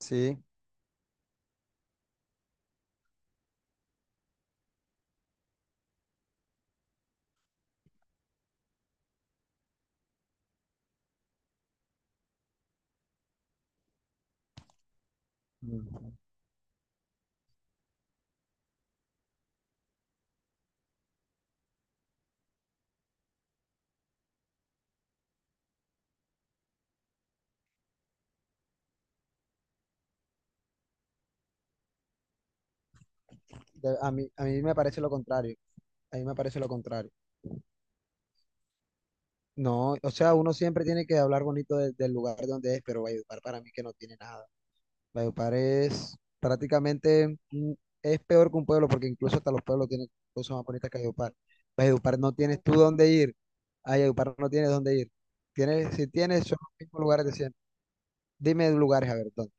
Sí. Ujú. A mí me parece lo contrario. A mí me parece lo contrario. No, o sea, uno siempre tiene que hablar bonito del lugar de donde es, pero Valledupar para mí que no tiene nada. Valledupar es prácticamente, es peor que un pueblo, porque incluso hasta los pueblos tienen cosas más bonitas que Valledupar. Valledupar no tienes tú dónde ir. A Valledupar no tienes dónde ir. Tienes, si tienes, son los mismos lugares de siempre. Dime lugares, a ver, ¿dónde?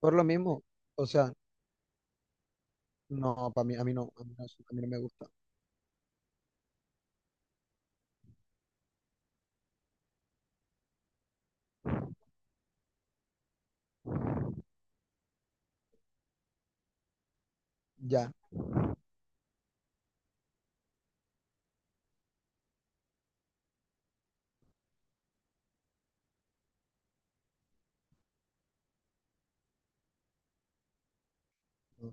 Por lo mismo, o sea, no, para mí, a mí no, a mí no, a mí no me gusta. Ya, no,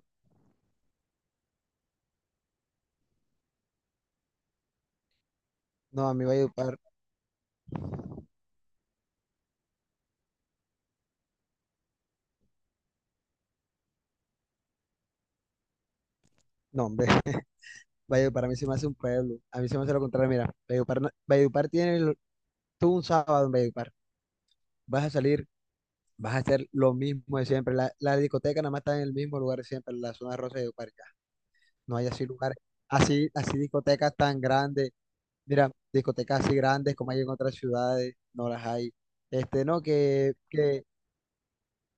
no, a mí Valledupar. No, hombre, Valledupar a mí se me hace un pueblo. A mí se me hace lo contrario. Mira, Valledupar, Valledupar tiene. Tú un sábado en Valledupar. Vas a salir, vas a hacer lo mismo de siempre. La discoteca nada más está en el mismo lugar siempre, en la zona rosa de Valledupar. Ya. No hay así lugares, así discotecas tan grandes. Mira, discotecas así grandes como hay en otras ciudades, no las hay. Este, no, que, que,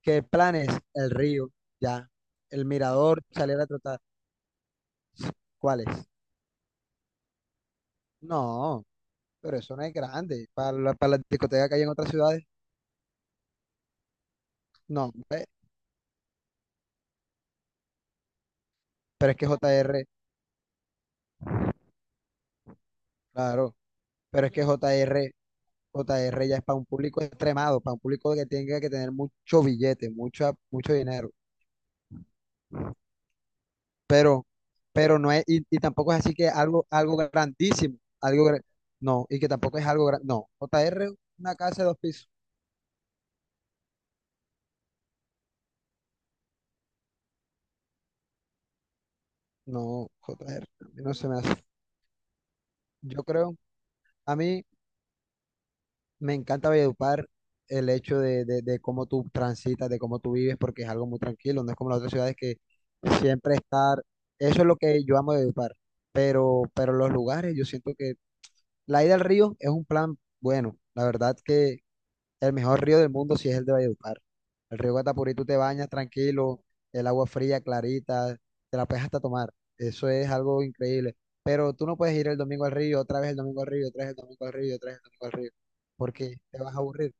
que planes, el río, ya. El mirador, salir a trotar. ¿Cuáles? No. Pero eso no es grande. Para las discotecas que hay en otras ciudades, no. Ve, pero es que JR, claro, pero es que J R ya es para un público extremado, para un público que tenga que tener mucho billete, mucho, mucho dinero. Pero, pero no es, y tampoco es así que algo, algo grandísimo. No, y que tampoco es algo grande. No, JR, una casa de dos pisos. No, JR, a mí no se me hace. Yo creo, a mí. Me encanta Valledupar el hecho de cómo tú transitas, de cómo tú vives, porque es algo muy tranquilo, no es como las otras ciudades que siempre estar. Eso es lo que yo amo de Valledupar, pero los lugares, yo siento que la ida al río es un plan bueno, la verdad que el mejor río del mundo sí es el de Valledupar. El río Guatapurí, tú te bañas tranquilo, el agua fría, clarita, te la puedes hasta tomar. Eso es algo increíble. Pero tú no puedes ir el domingo al río, otra vez el domingo al río, otra vez el domingo al río, otra vez el domingo al río, porque te vas a aburrir.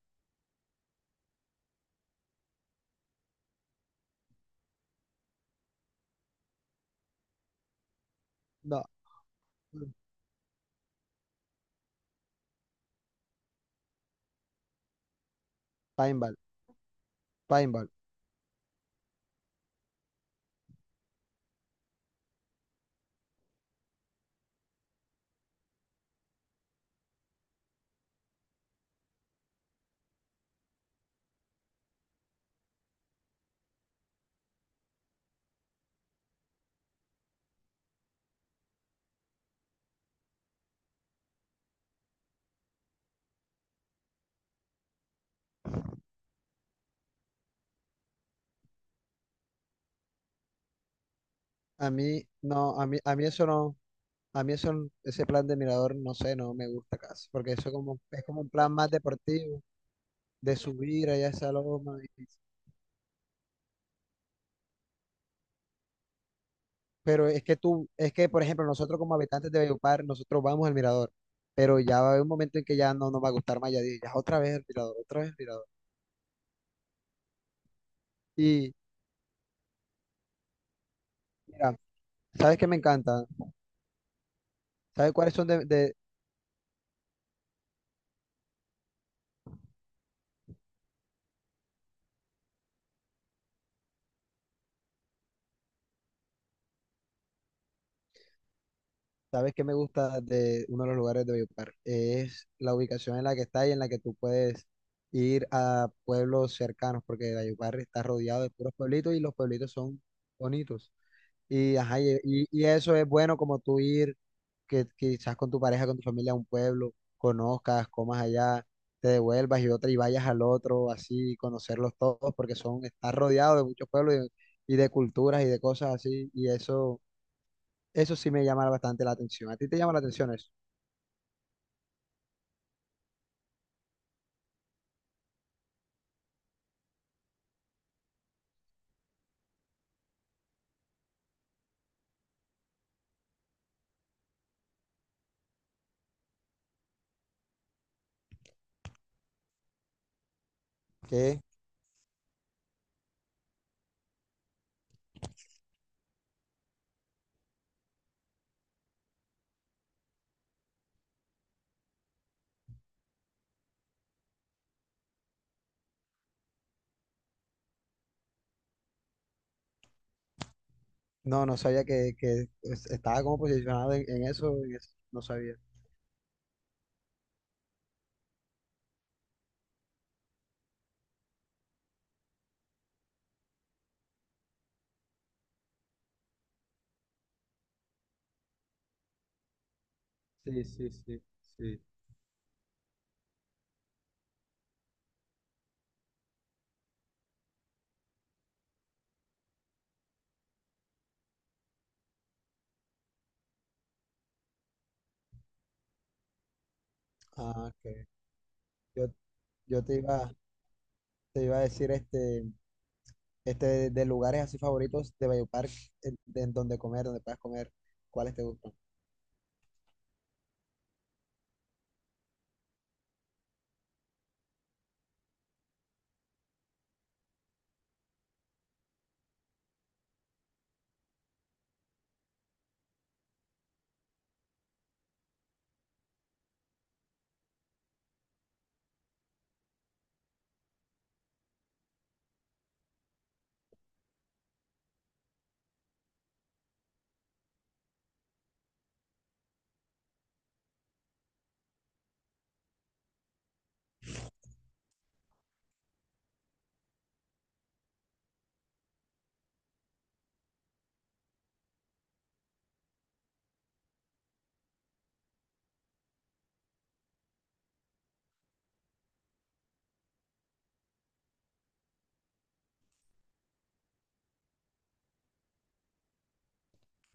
No, paintball, paintball. A mí, no, a mí eso no, a mí eso, n- ese plan de mirador, no sé, no me gusta casi, porque eso como, es como un plan más deportivo, de subir allá a esa loma. Pero es que, por ejemplo, nosotros como habitantes de Valledupar, nosotros vamos al mirador, pero ya va a haber un momento en que ya no nos va a gustar más, ya, ya otra vez el mirador, otra vez el mirador. Y mira, ¿sabes qué me encanta? ¿Sabes cuáles son de, de- sabes qué me gusta de uno de los lugares de Valledupar? Es la ubicación en la que está y en la que tú puedes ir a pueblos cercanos, porque Valledupar está rodeado de puros pueblitos y los pueblitos son bonitos. Y, ajá, y eso es bueno como tú ir que quizás con tu pareja, con tu familia, a un pueblo, conozcas, comas allá, te devuelvas y otra y vayas al otro, así, conocerlos todos, porque estás rodeado de muchos pueblos y de culturas y de cosas así, y eso sí me llama bastante la atención. ¿A ti te llama la atención eso? Que no, no sabía que estaba como posicionado en eso, en eso, no sabía. Sí, sí, sí, sí. Ah, ok. Yo, yo te iba a decir este. Este, de lugares así favoritos de Valledupar, en donde puedas comer, ¿cuáles te gustan?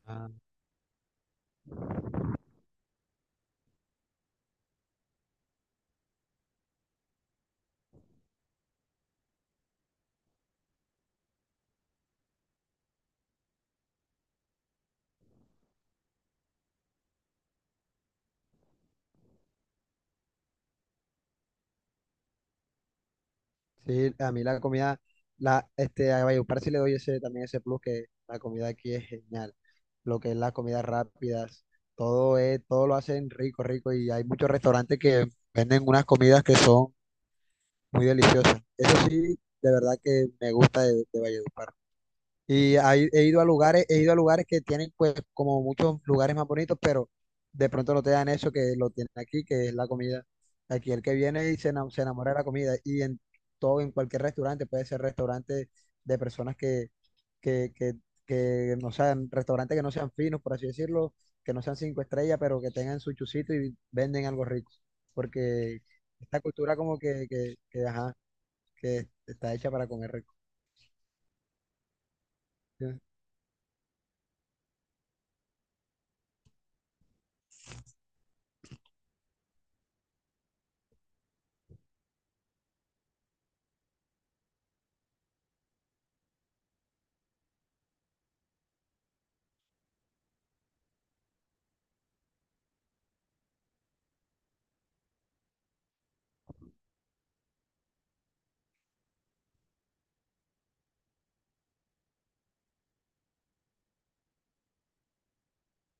Ah, sí, a mí la comida, este, a Valledupar sí le doy ese, también ese plus que la comida aquí es genial. Lo que es las comidas rápidas, todo lo hacen rico, rico y hay muchos restaurantes que venden unas comidas que son muy deliciosas. Eso sí, de verdad que me gusta de Valledupar. He ido a lugares, he ido a lugares que tienen pues como muchos lugares más bonitos, pero de pronto no te dan eso que lo tienen aquí, que es la comida. Aquí el que viene y se enamora de la comida. Y en todo, en cualquier restaurante, puede ser restaurante de personas que, que, que restaurantes que no sean finos, por así decirlo, que no sean cinco estrellas, pero que tengan su chucito y venden algo rico. Porque esta cultura como que, ajá, que está hecha para comer rico. ¿Sí?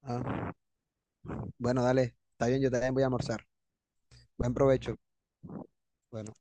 Ajá. Bueno, dale, está bien, yo también voy a almorzar. Buen provecho. Bueno.